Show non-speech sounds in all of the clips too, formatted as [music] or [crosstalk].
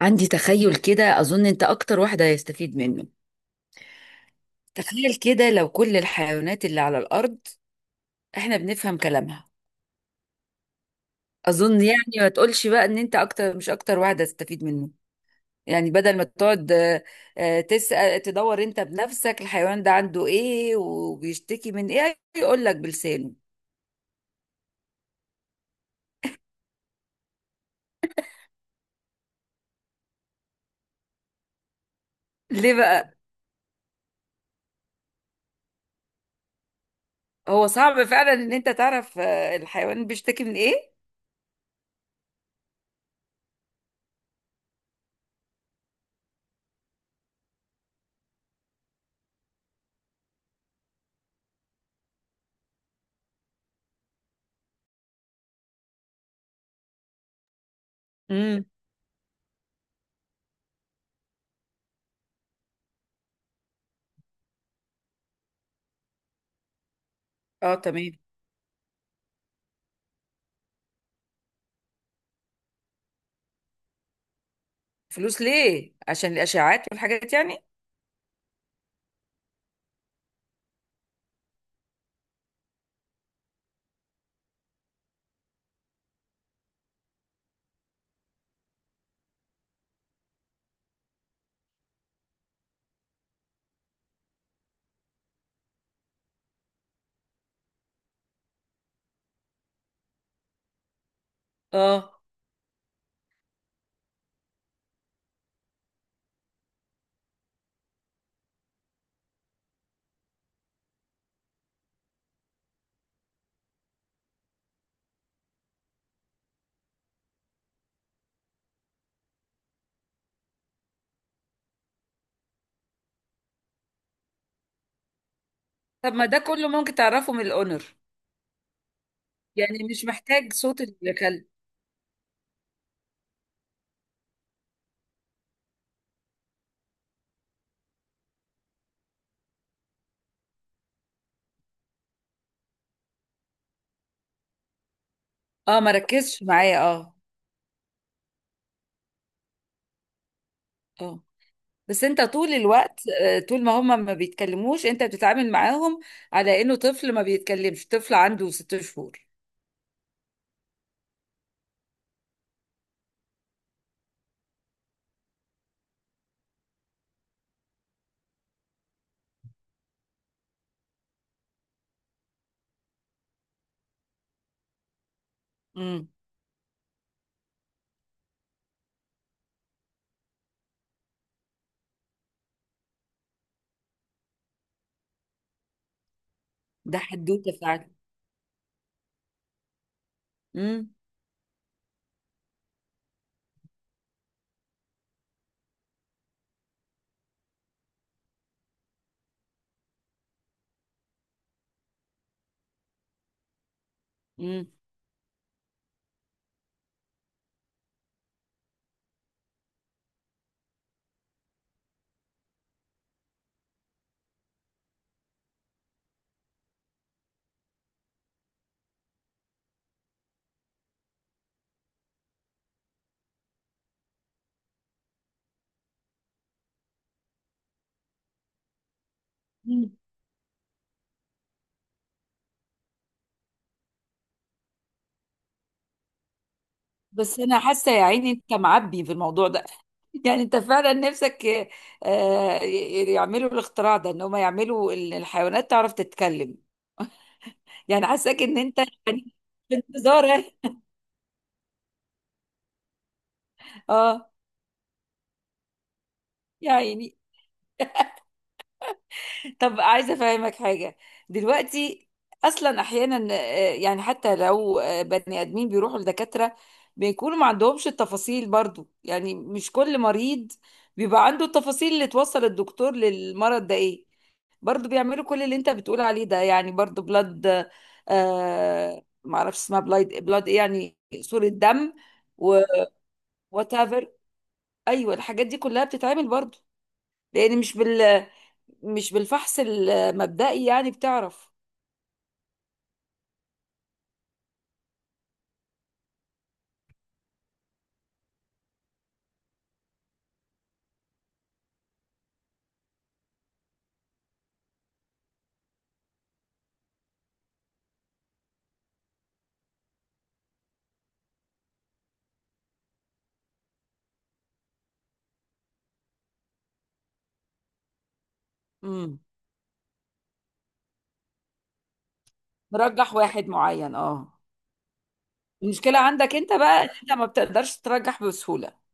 عندي تخيل كده، أظن أنت أكتر واحد هيستفيد منه. تخيل كده، لو كل الحيوانات اللي على الأرض إحنا بنفهم كلامها. أظن يعني، ما تقولش بقى إن أنت أكتر، مش أكتر واحد هتستفيد منه. يعني بدل ما تقعد تسأل تدور أنت بنفسك الحيوان ده عنده إيه وبيشتكي من إيه، يقول لك بلسانه. ليه بقى؟ هو صعب فعلا إن أنت تعرف الحيوان بيشتكي من إيه. امم. اه، تمام. فلوس ليه؟ عشان الأشعاعات والحاجات يعني. اه. طب ما ده كله ممكن تعرفه من الاونر، يعني مش محتاج صوت الكلب. اه، ما ركزش معايا، اه. اه. بس انت طول الوقت، طول ما هم ما بيتكلموش انت بتتعامل معاهم على انه طفل ما بيتكلمش، طفل عنده 6 شهور. امم. ده حدوته فعلا. امم. امم. أمم. بس انا حاسه يا عيني انت معبي في الموضوع ده. [laughs] يعني انت فعلا نفسك، يعملوا الاختراع ده، ان هم يعملوا الحيوانات تعرف تتكلم. يعني حاساك ان انت، يعني، في انتظار. [laughs] اه. يا عيني. طب عايزه افهمك حاجه دلوقتي. اصلا احيانا يعني، حتى لو بني ادمين بيروحوا لدكاتره، بيكونوا ما عندهمش التفاصيل برضو. يعني مش كل مريض بيبقى عنده التفاصيل اللي توصل الدكتور للمرض ده ايه. برضو بيعملوا كل اللي انت بتقول عليه ده، يعني برضو بلاد. آه، معرفش اسمها، بلاد بلاد ايه يعني، صورة دم، و whatever. ايوه، الحاجات دي كلها بتتعمل برضو، لان مش بالفحص المبدئي يعني بتعرف. امم. مرجح واحد معين، اه. المشكله عندك انت بقى ان انت ما بتقدرش ترجح بسهوله.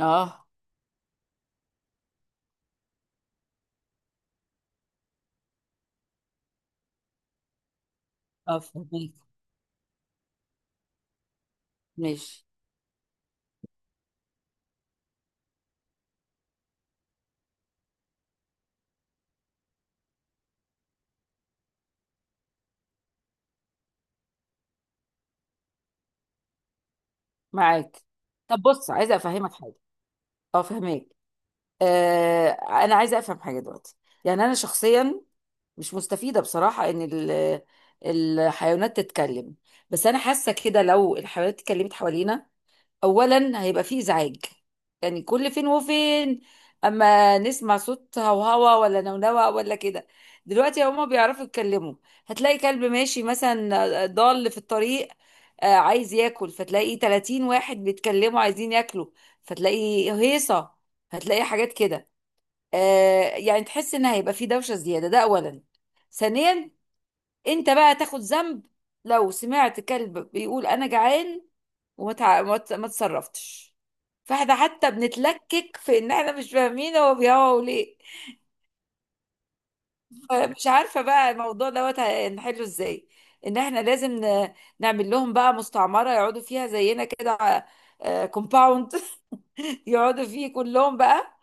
اه. اه، فهميك. ماشي. معاك. طب بص، عايزه افهمك حاجه. اه، فهميك. آه. انا عايزه افهم حاجه دلوقتي. يعني انا شخصيا مش مستفيده بصراحه ان الحيوانات تتكلم. بس انا حاسه كده، لو الحيوانات اتكلمت حوالينا، اولا هيبقى فيه ازعاج. يعني كل فين وفين اما نسمع صوت هوهوا ولا نونوة ولا كده. دلوقتي هما بيعرفوا يتكلموا. هتلاقي كلب ماشي مثلا، ضال في الطريق، عايز ياكل، فتلاقي 30 واحد بيتكلموا عايزين ياكلوا. فتلاقي هيصة. هتلاقي حاجات كده، يعني تحس ان هيبقى فيه دوشة زيادة. ده اولا. ثانيا، انت بقى تاخد ذنب لو سمعت كلب بيقول انا جعان وما تع... ما ت- ما اتصرفتش. فاحنا حتى بنتلكك في ان احنا مش فاهمين هو بيهوى ليه. مش عارفه بقى الموضوع دوت هنحله ازاي، ان احنا لازم نعمل لهم بقى مستعمره يقعدوا فيها زينا كده، كومباوند. [laughs] يقعدوا فيه كلهم بقى،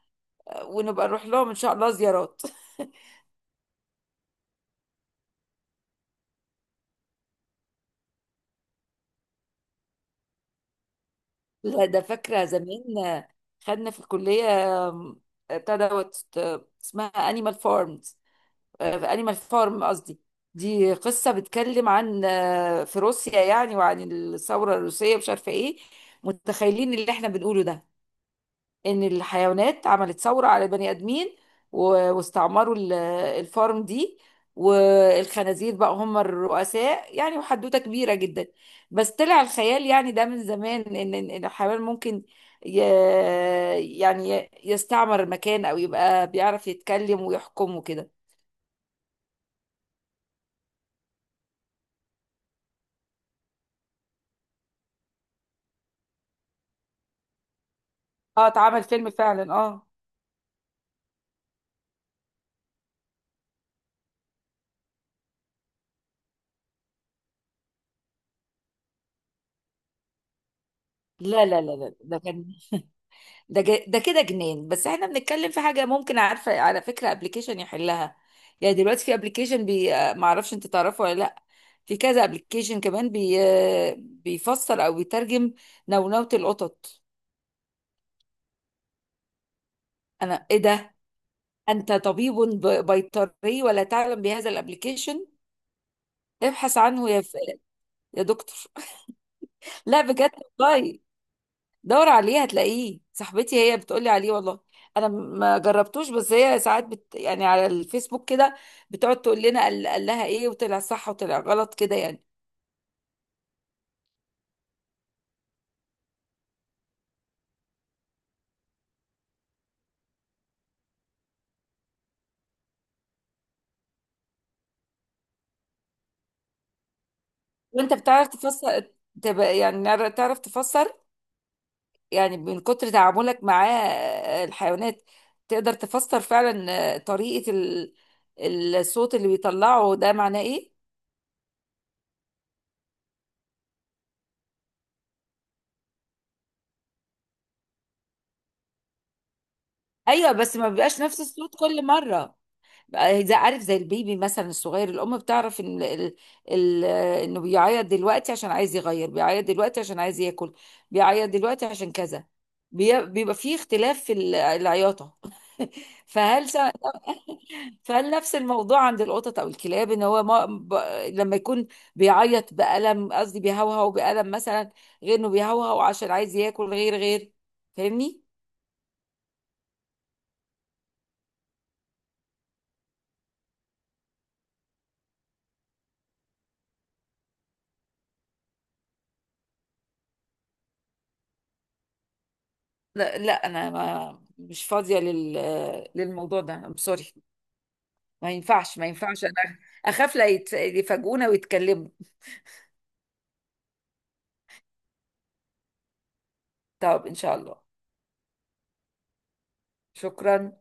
ونبقى نروح لهم ان شاء الله زيارات. لا، ده فاكره زمان، خدنا في الكليه، آم، بتاع دوت، اسمها انيمال فارم. في انيمال فارم قصدي. دي قصة بتكلم عن، في روسيا يعني، وعن الثورة الروسية مش عارفة ايه، متخيلين اللي احنا بنقوله ده، ان الحيوانات عملت ثورة على البني ادمين، واستعمروا الفارم دي، والخنازير بقى هم الرؤساء يعني، وحدوتة كبيرة جدا. بس طلع الخيال يعني ده من زمان، ان إن الحيوان ممكن ي- يعني يستعمر مكان، او يبقى بيعرف يتكلم ويحكم وكده. اه، اتعمل فيلم فعلا، اه. لا، لا، لا، لا، ده كان، ده كده جنان. بس احنا بنتكلم في حاجه ممكن، عارفه على فكره، ابلكيشن يحلها. يعني دلوقتي في ابلكيشن بي، ما اعرفش انت تعرفه ولا لا. في كذا ابلكيشن كمان بي، بيفسر او بيترجم نونوة القطط. انا، ايه ده؟ انت طبيب بيطري ولا تعلم بهذا الابلكيشن؟ ابحث عنه يا ف...، يا دكتور. [laughs] لا بجد، والله. دور عليه هتلاقيه، صاحبتي هي بتقولي عليه والله. انا ما جربتوش، بس هي ساعات بت، يعني على الفيسبوك كده بتقعد تقول لنا قال لها ايه، وطلع صح وطلع غلط كده يعني. وانت بتعرف تفسر، تبقى يعني، تعرف تفسر يعني، من كتر تعاملك مع الحيوانات، تقدر تفسر فعلا طريقة الصوت اللي بيطلعه ده معناه ايه. ايوه، بس ما بيبقاش نفس الصوت كل مرة. زي، عارف، زي البيبي مثلا الصغير، الام بتعرف ان ال- انه بيعيط دلوقتي عشان عايز يغير، بيعيط دلوقتي عشان عايز ياكل، بيعيط دلوقتي عشان كذا. بيبقى فيه اختلاف في العياطه. [laughs] فهل سا- فهل نفس الموضوع عند القطط او الكلاب، ان هو ما ب... لما يكون بيعيط بألم، قصدي بيهوهو بألم مثلا، غير انه بيهوهو عشان عايز ياكل، غير غير. فاهمني؟ لا، لا، انا ما مش فاضيه للموضوع ده، سوري. ما ينفعش، ما ينفعش، انا اخاف لا يت- يفاجئونا ويتكلموا. طب ان شاء الله. شكرا.